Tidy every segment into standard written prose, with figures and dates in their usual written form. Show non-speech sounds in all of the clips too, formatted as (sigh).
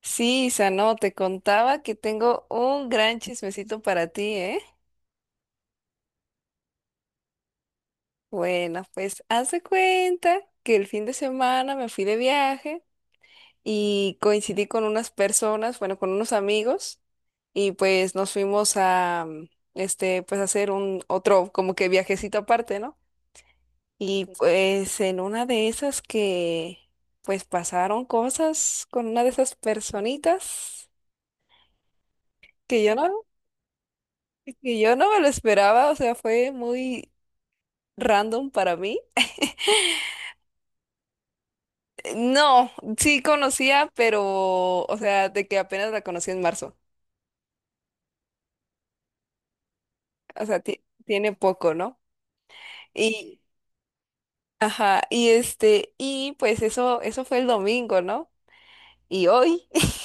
Sí, Isa, no, te contaba que tengo un gran chismecito para ti, ¿eh? Bueno, pues haz de cuenta que el fin de semana me fui de viaje y coincidí con unas personas, bueno, con unos amigos y pues nos fuimos a, este, pues a hacer un otro como que viajecito aparte, ¿no? Y pues en una de esas que, pues pasaron cosas con una de esas personitas que yo no, que yo no me lo esperaba, o sea, fue muy random para mí. No, sí conocía, pero, o sea, de que apenas la conocí en marzo. O sea, tiene poco, ¿no? Y, ajá, y este, y pues eso fue el domingo, ¿no? Y hoy (laughs)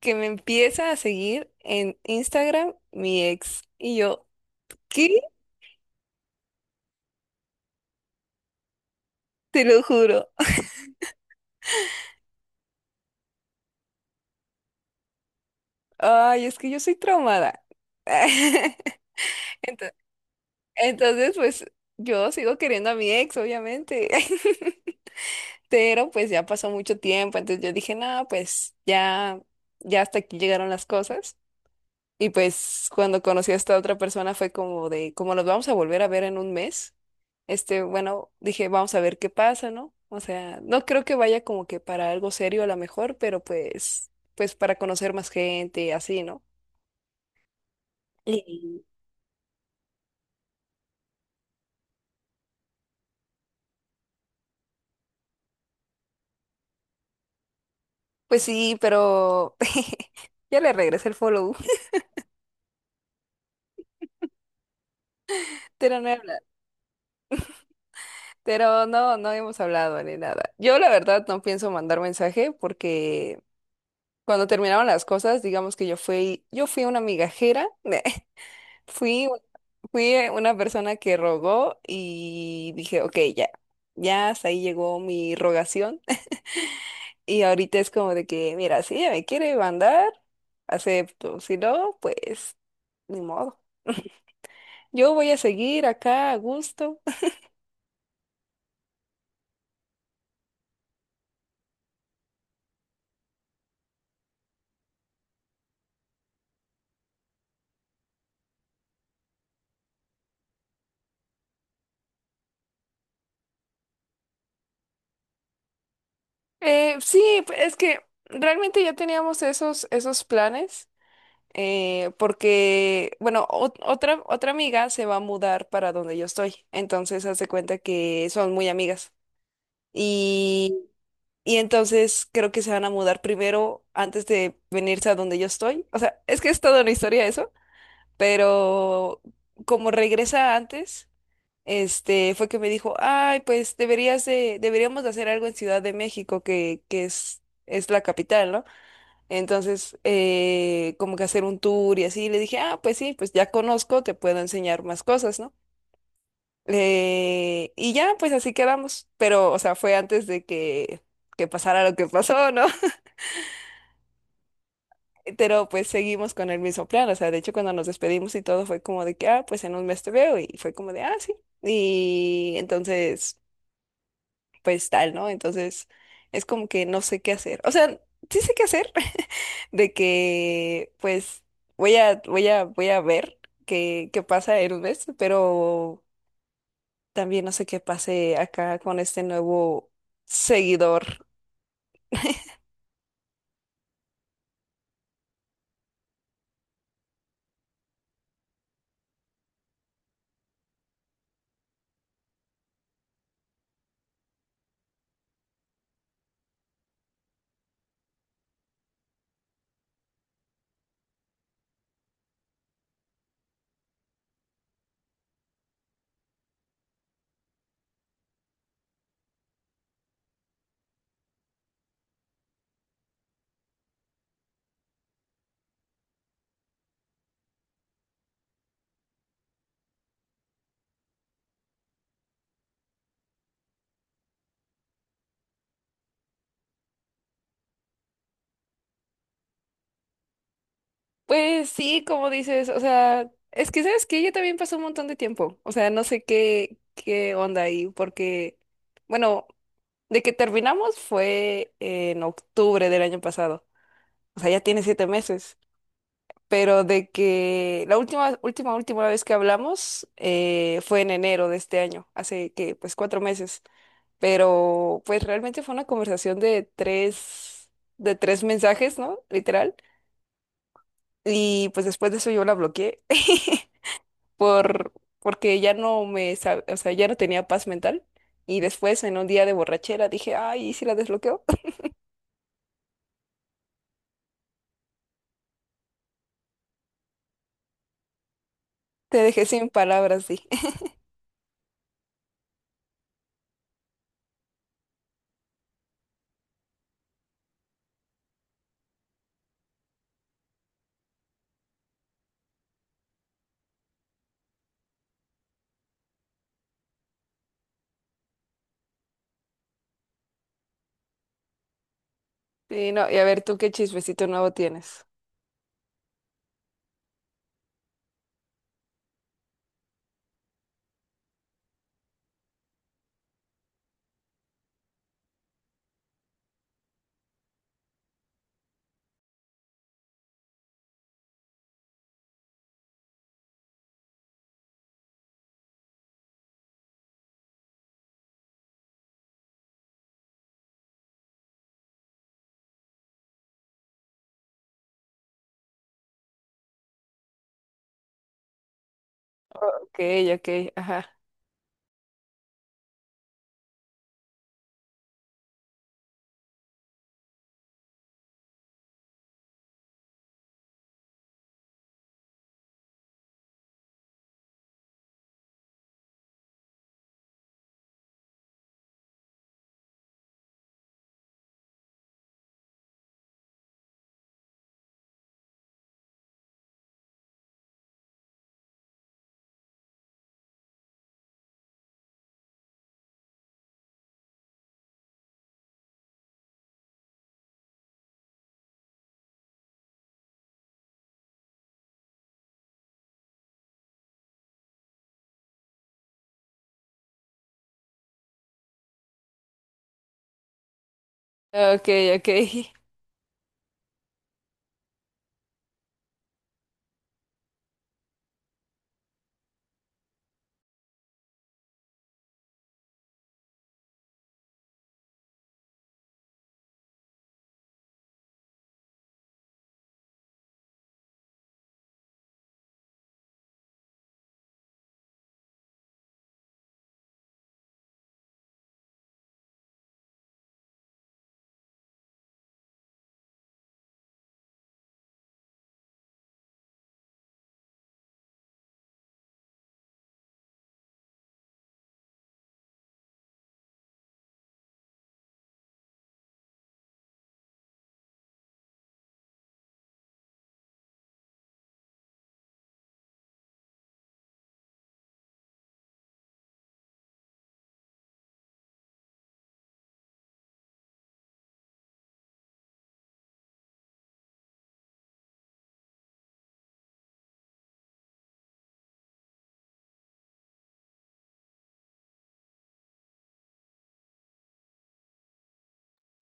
que me empieza a seguir en Instagram mi ex. Y yo, ¿qué? Te lo juro. Ay, es que yo soy traumada. (laughs) Ento- Entonces, pues yo sigo queriendo a mi ex, obviamente. (laughs) Pero pues ya pasó mucho tiempo, entonces yo dije, no, pues ya, ya hasta aquí llegaron las cosas. Y pues cuando conocí a esta otra persona fue como de, como nos vamos a volver a ver en un mes, este, bueno, dije, vamos a ver qué pasa, ¿no? O sea, no creo que vaya como que para algo serio a lo mejor, pero pues para conocer más gente y así, ¿no? Y pues sí, pero (laughs) ya le regresé el follow, (laughs) pero no he hablado. Pero no, no hemos hablado ni nada. Yo la verdad no pienso mandar mensaje porque cuando terminaron las cosas, digamos que yo fui una migajera, (laughs) fui, un- fui una persona que rogó y dije, ok, ya, ya hasta ahí llegó mi rogación. (laughs) Y ahorita es como de que, mira, si ella me quiere mandar, acepto, si no, pues ni modo. Yo voy a seguir acá a gusto. (laughs) Sí, es que realmente ya teníamos esos planes. Porque, bueno, otra amiga se va a mudar para donde yo estoy, entonces hace cuenta que son muy amigas y, y entonces creo que se van a mudar primero antes de venirse a donde yo estoy, o sea, es que es toda una historia eso, pero como regresa antes, este, fue que me dijo, ay, pues deberíamos de hacer algo en Ciudad de México, que es la capital, ¿no? Entonces, como que hacer un tour y así, le dije, ah, pues sí, pues ya conozco, te puedo enseñar más cosas, ¿no? Y ya, pues así quedamos, pero, o sea, fue antes de que, pasara lo que pasó, ¿no? (laughs) Pero pues seguimos con el mismo plan, o sea, de hecho cuando nos despedimos y todo fue como de que, ah, pues en un mes te veo y fue como de, ah, sí. Y entonces... pues tal, ¿no? Entonces es como que no sé qué hacer. O sea, sí sé qué hacer, (laughs) de que pues voy a ver qué pasa en un mes, pero también no sé qué pase acá con este nuevo seguidor. Pues sí, como dices, o sea, es que sabes que ella también pasó un montón de tiempo. O sea, no sé qué, qué onda ahí, porque, bueno, de que terminamos fue en octubre del año pasado. O sea, ya tiene 7 meses. Pero de que la última, última, última vez que hablamos fue en enero de este año, hace que, pues 4 meses, pero pues realmente fue una conversación de tres mensajes, ¿no? Literal. Y pues después de eso yo la bloqueé (laughs) por, porque ya no me, sab- o sea, ya no tenía paz mental. Y después en un día de borrachera dije, ay, ¿y si la desbloqueo? (laughs) Te dejé sin palabras, sí. (laughs) Sí, no, y a ver, ¿tú qué chismecito nuevo tienes? Ok, ok, ajá. Ok, ok. (laughs)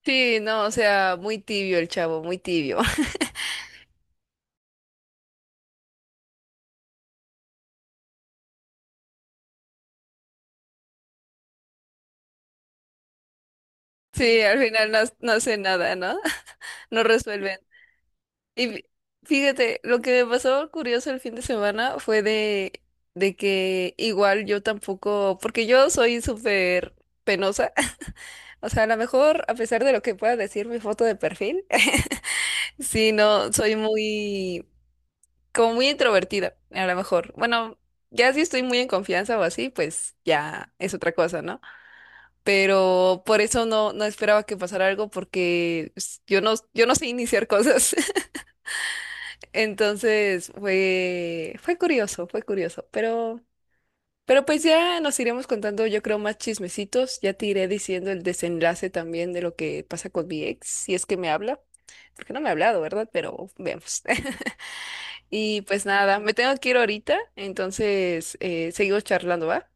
Sí, no, o sea, muy tibio el chavo, muy tibio. (laughs) Sí, al final no, no hace nada, ¿no? (laughs) No resuelven. Y fíjate, lo que me pasó curioso el fin de semana fue de que igual yo tampoco, porque yo soy súper penosa. (laughs) O sea, a lo mejor, a pesar de lo que pueda decir mi foto de perfil, (laughs) sí, no, soy muy, como muy introvertida, a lo mejor. Bueno, ya si estoy muy en confianza o así, pues ya es otra cosa, ¿no? Pero por eso no, no esperaba que pasara algo porque pues, yo no sé iniciar cosas. (laughs) Entonces fue curioso, fue curioso, pero pues ya nos iremos contando, yo creo, más chismecitos. Ya te iré diciendo el desenlace también de lo que pasa con mi ex, si es que me habla, porque no me ha hablado, ¿verdad? Pero vemos. (laughs) Y pues nada, me tengo que ir ahorita, entonces seguimos charlando, ¿va?